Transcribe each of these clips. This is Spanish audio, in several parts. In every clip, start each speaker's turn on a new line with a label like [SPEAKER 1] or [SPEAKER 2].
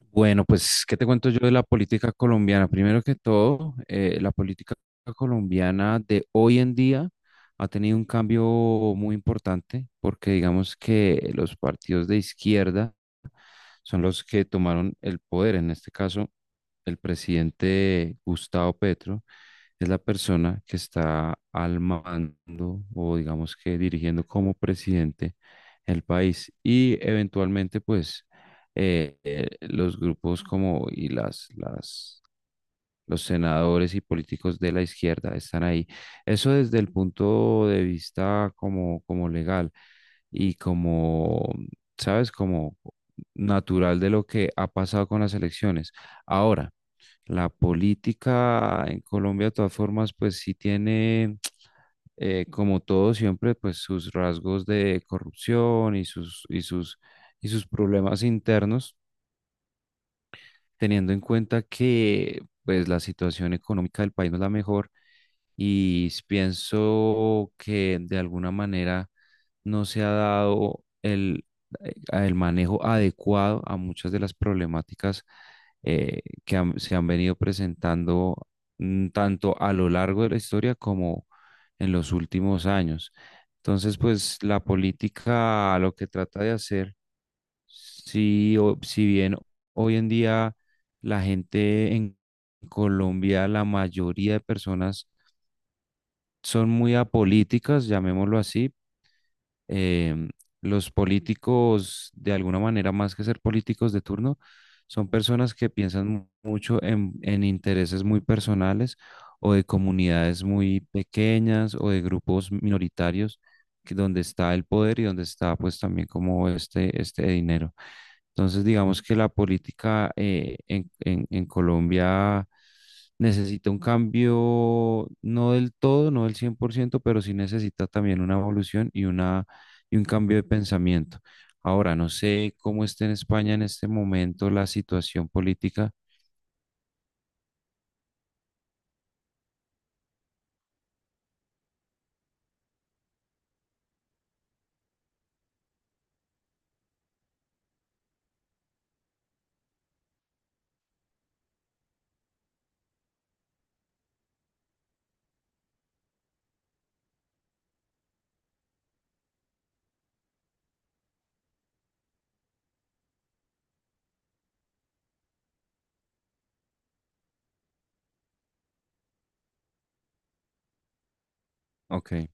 [SPEAKER 1] Bueno, pues, ¿qué te cuento yo de la política colombiana? Primero que todo, la política colombiana de hoy en día ha tenido un cambio muy importante porque digamos que los partidos de izquierda son los que tomaron el poder. En este caso, el presidente Gustavo Petro es la persona que está al mando o digamos que dirigiendo como presidente el país y eventualmente pues los grupos como y los senadores y políticos de la izquierda están ahí. Eso desde el punto de vista como, como legal y como, ¿sabes? Como natural de lo que ha pasado con las elecciones. Ahora, la política en Colombia, de todas formas, pues sí tiene, como todo siempre, pues sus rasgos de corrupción y sus problemas internos, teniendo en cuenta que pues la situación económica del país no es la mejor y pienso que de alguna manera no se ha dado el manejo adecuado a muchas de las problemáticas que se han venido presentando tanto a lo largo de la historia como en los últimos años. Entonces, pues la política lo que trata de hacer, si, si bien hoy en día la gente en Colombia, la mayoría de personas son muy apolíticas, llamémoslo así. em, los políticos, de alguna manera, más que ser políticos de turno, son personas que piensan mucho en intereses muy personales o de comunidades muy pequeñas o de grupos minoritarios donde está el poder y donde está pues también como este dinero. Entonces, digamos que la política en Colombia necesita un cambio, no del todo, no del 100%, pero sí necesita también una evolución y, una, y un cambio de pensamiento. Ahora, no sé cómo está en España en este momento la situación política. Ok.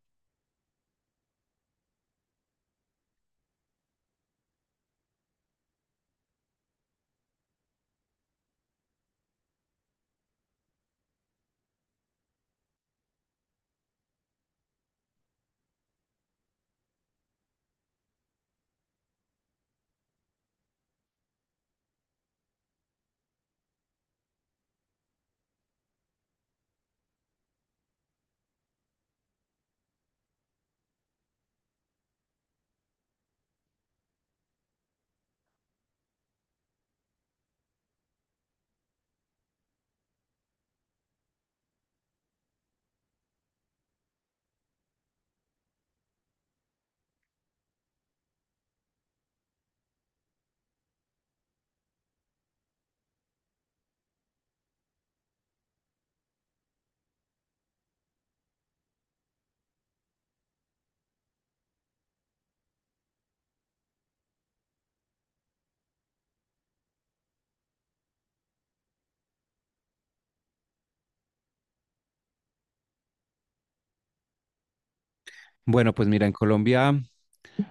[SPEAKER 1] Bueno, pues mira, en Colombia,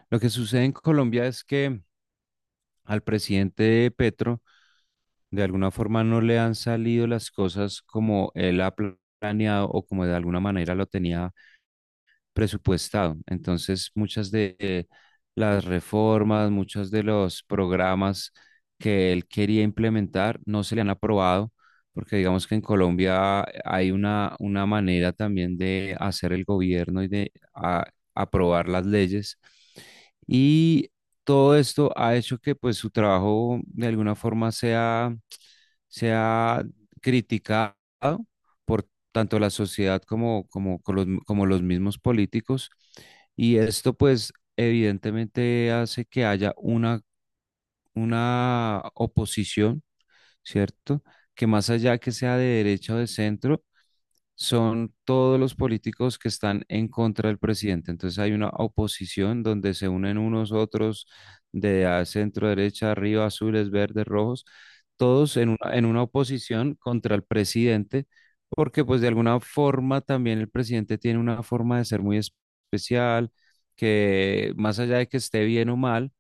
[SPEAKER 1] lo que sucede en Colombia es que al presidente Petro de alguna forma no le han salido las cosas como él ha planeado o como de alguna manera lo tenía presupuestado. Entonces, muchas de las reformas, muchos de los programas que él quería implementar no se le han aprobado, porque digamos que en Colombia hay una manera también de hacer el gobierno y de aprobar las leyes. Y todo esto ha hecho que pues su trabajo de alguna forma sea se ha criticado por tanto la sociedad como, como, con los, como los mismos políticos. Y esto pues evidentemente hace que haya una oposición, ¿cierto? Que más allá que sea de derecha o de centro, son todos los políticos que están en contra del presidente. Entonces hay una oposición donde se unen unos otros de a centro, derecha, arriba, azules, verdes, rojos, todos en una oposición contra el presidente, porque pues de alguna forma también el presidente tiene una forma de ser muy especial, que más allá de que esté bien o mal,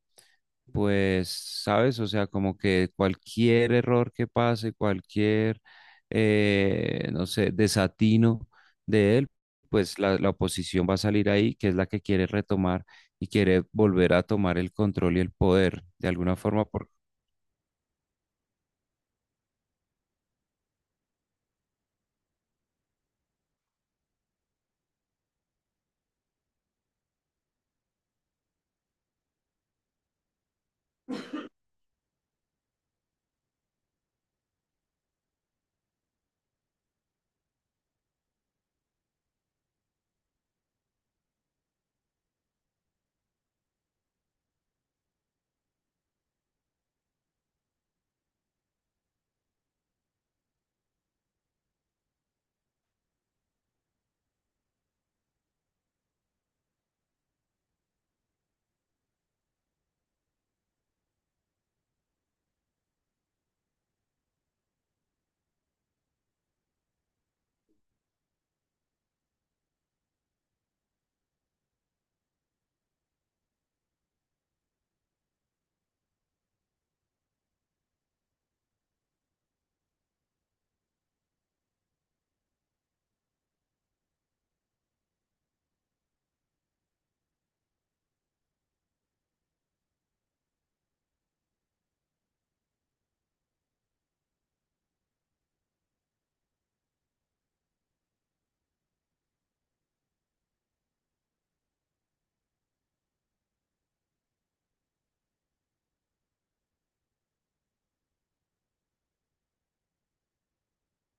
[SPEAKER 1] pues, ¿sabes? O sea, como que cualquier error que pase, cualquier, no sé, desatino de él, pues la oposición va a salir ahí, que es la que quiere retomar y quiere volver a tomar el control y el poder de alguna forma.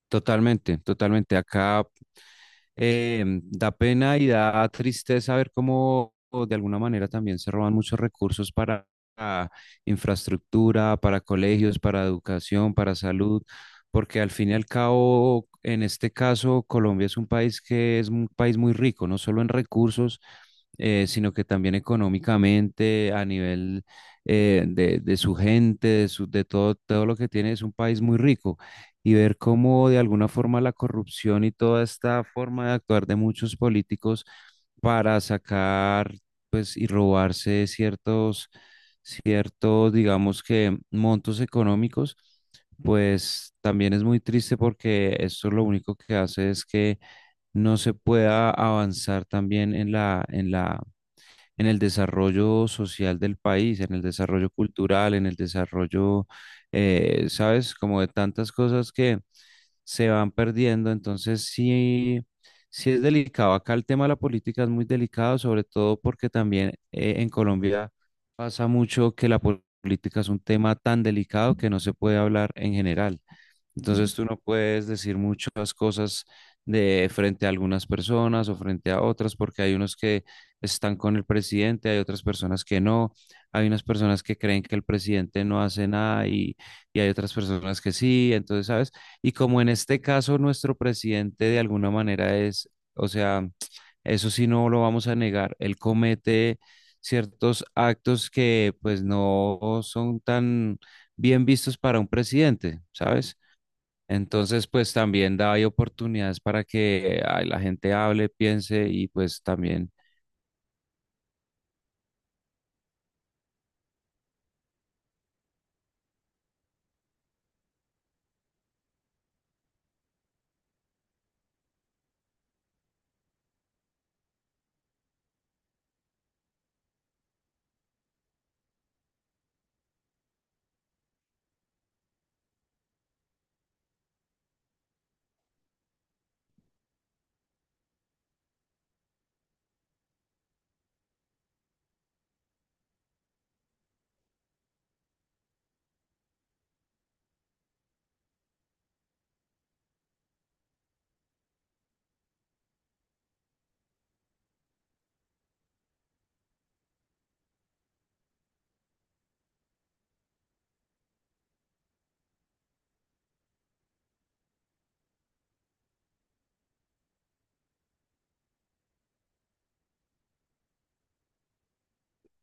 [SPEAKER 1] Totalmente, totalmente. Acá da pena y da tristeza ver cómo o de alguna manera también se roban muchos recursos para ah, infraestructura, para colegios, para educación, para salud, porque al fin y al cabo, en este caso, Colombia es un país que es un país muy rico, no solo en recursos, sino que también económicamente, a nivel de su gente, de, de todo, todo lo que tiene, es un país muy rico y ver cómo de alguna forma la corrupción y toda esta forma de actuar de muchos políticos para sacar pues y robarse ciertos ciertos digamos que montos económicos, pues también es muy triste porque esto lo único que hace es que no se pueda avanzar también en la en el desarrollo social del país, en el desarrollo cultural, en el desarrollo, ¿sabes? Como de tantas cosas que se van perdiendo. Entonces, sí, sí es delicado. Acá el tema de la política es muy delicado, sobre todo porque también en Colombia pasa mucho que la política es un tema tan delicado que no se puede hablar en general. Entonces tú no puedes decir muchas cosas de frente a algunas personas o frente a otras, porque hay unos que están con el presidente, hay otras personas que no, hay unas personas que creen que el presidente no hace nada y, y hay otras personas que sí, entonces, ¿sabes? Y como en este caso nuestro presidente de alguna manera es, o sea, eso sí no lo vamos a negar, él comete ciertos actos que pues no son tan bien vistos para un presidente, ¿sabes? Entonces, pues también da ahí oportunidades para que ay, la gente hable, piense y pues también,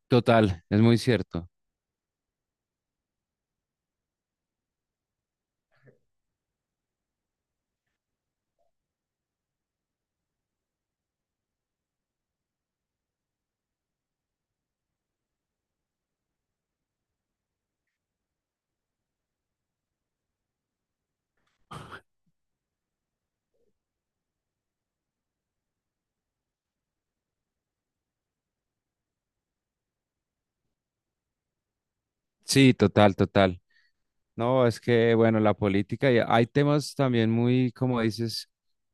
[SPEAKER 1] total, es muy cierto. Sí, total, total. No, es que, bueno, la política, y hay temas también muy, como dices,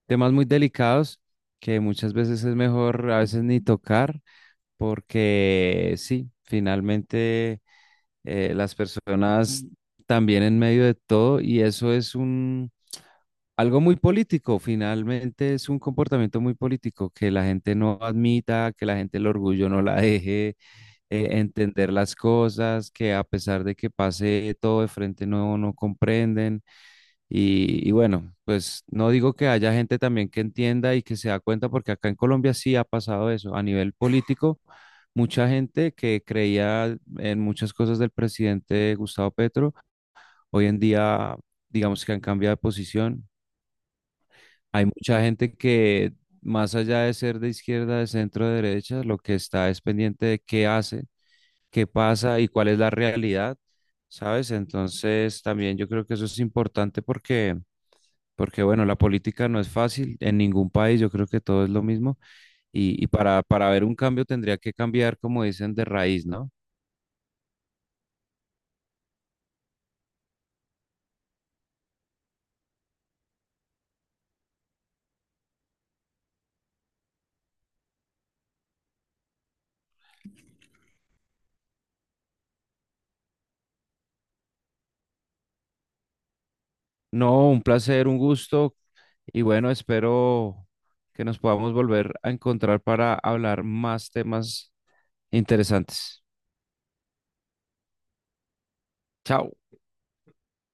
[SPEAKER 1] temas muy delicados que muchas veces es mejor a veces ni tocar porque sí, finalmente las personas también en medio de todo y eso es un algo muy político, finalmente es un comportamiento muy político, que la gente no admita, que la gente el orgullo no la deje entender las cosas, que a pesar de que pase todo de frente no, no comprenden. Y bueno, pues no digo que haya gente también que entienda y que se da cuenta, porque acá en Colombia sí ha pasado eso. A nivel político, mucha gente que creía en muchas cosas del presidente Gustavo Petro, hoy en día digamos que han cambiado de posición. Hay mucha gente que, más allá de ser de izquierda, de centro, de derecha, lo que está es pendiente de qué hace, qué pasa y cuál es la realidad, ¿sabes? Entonces, también yo creo que eso es importante porque, porque bueno, la política no es fácil en ningún país, yo creo que todo es lo mismo y para ver un cambio tendría que cambiar, como dicen, de raíz, ¿no? No, un placer, un gusto y bueno, espero que nos podamos volver a encontrar para hablar más temas interesantes. Chao.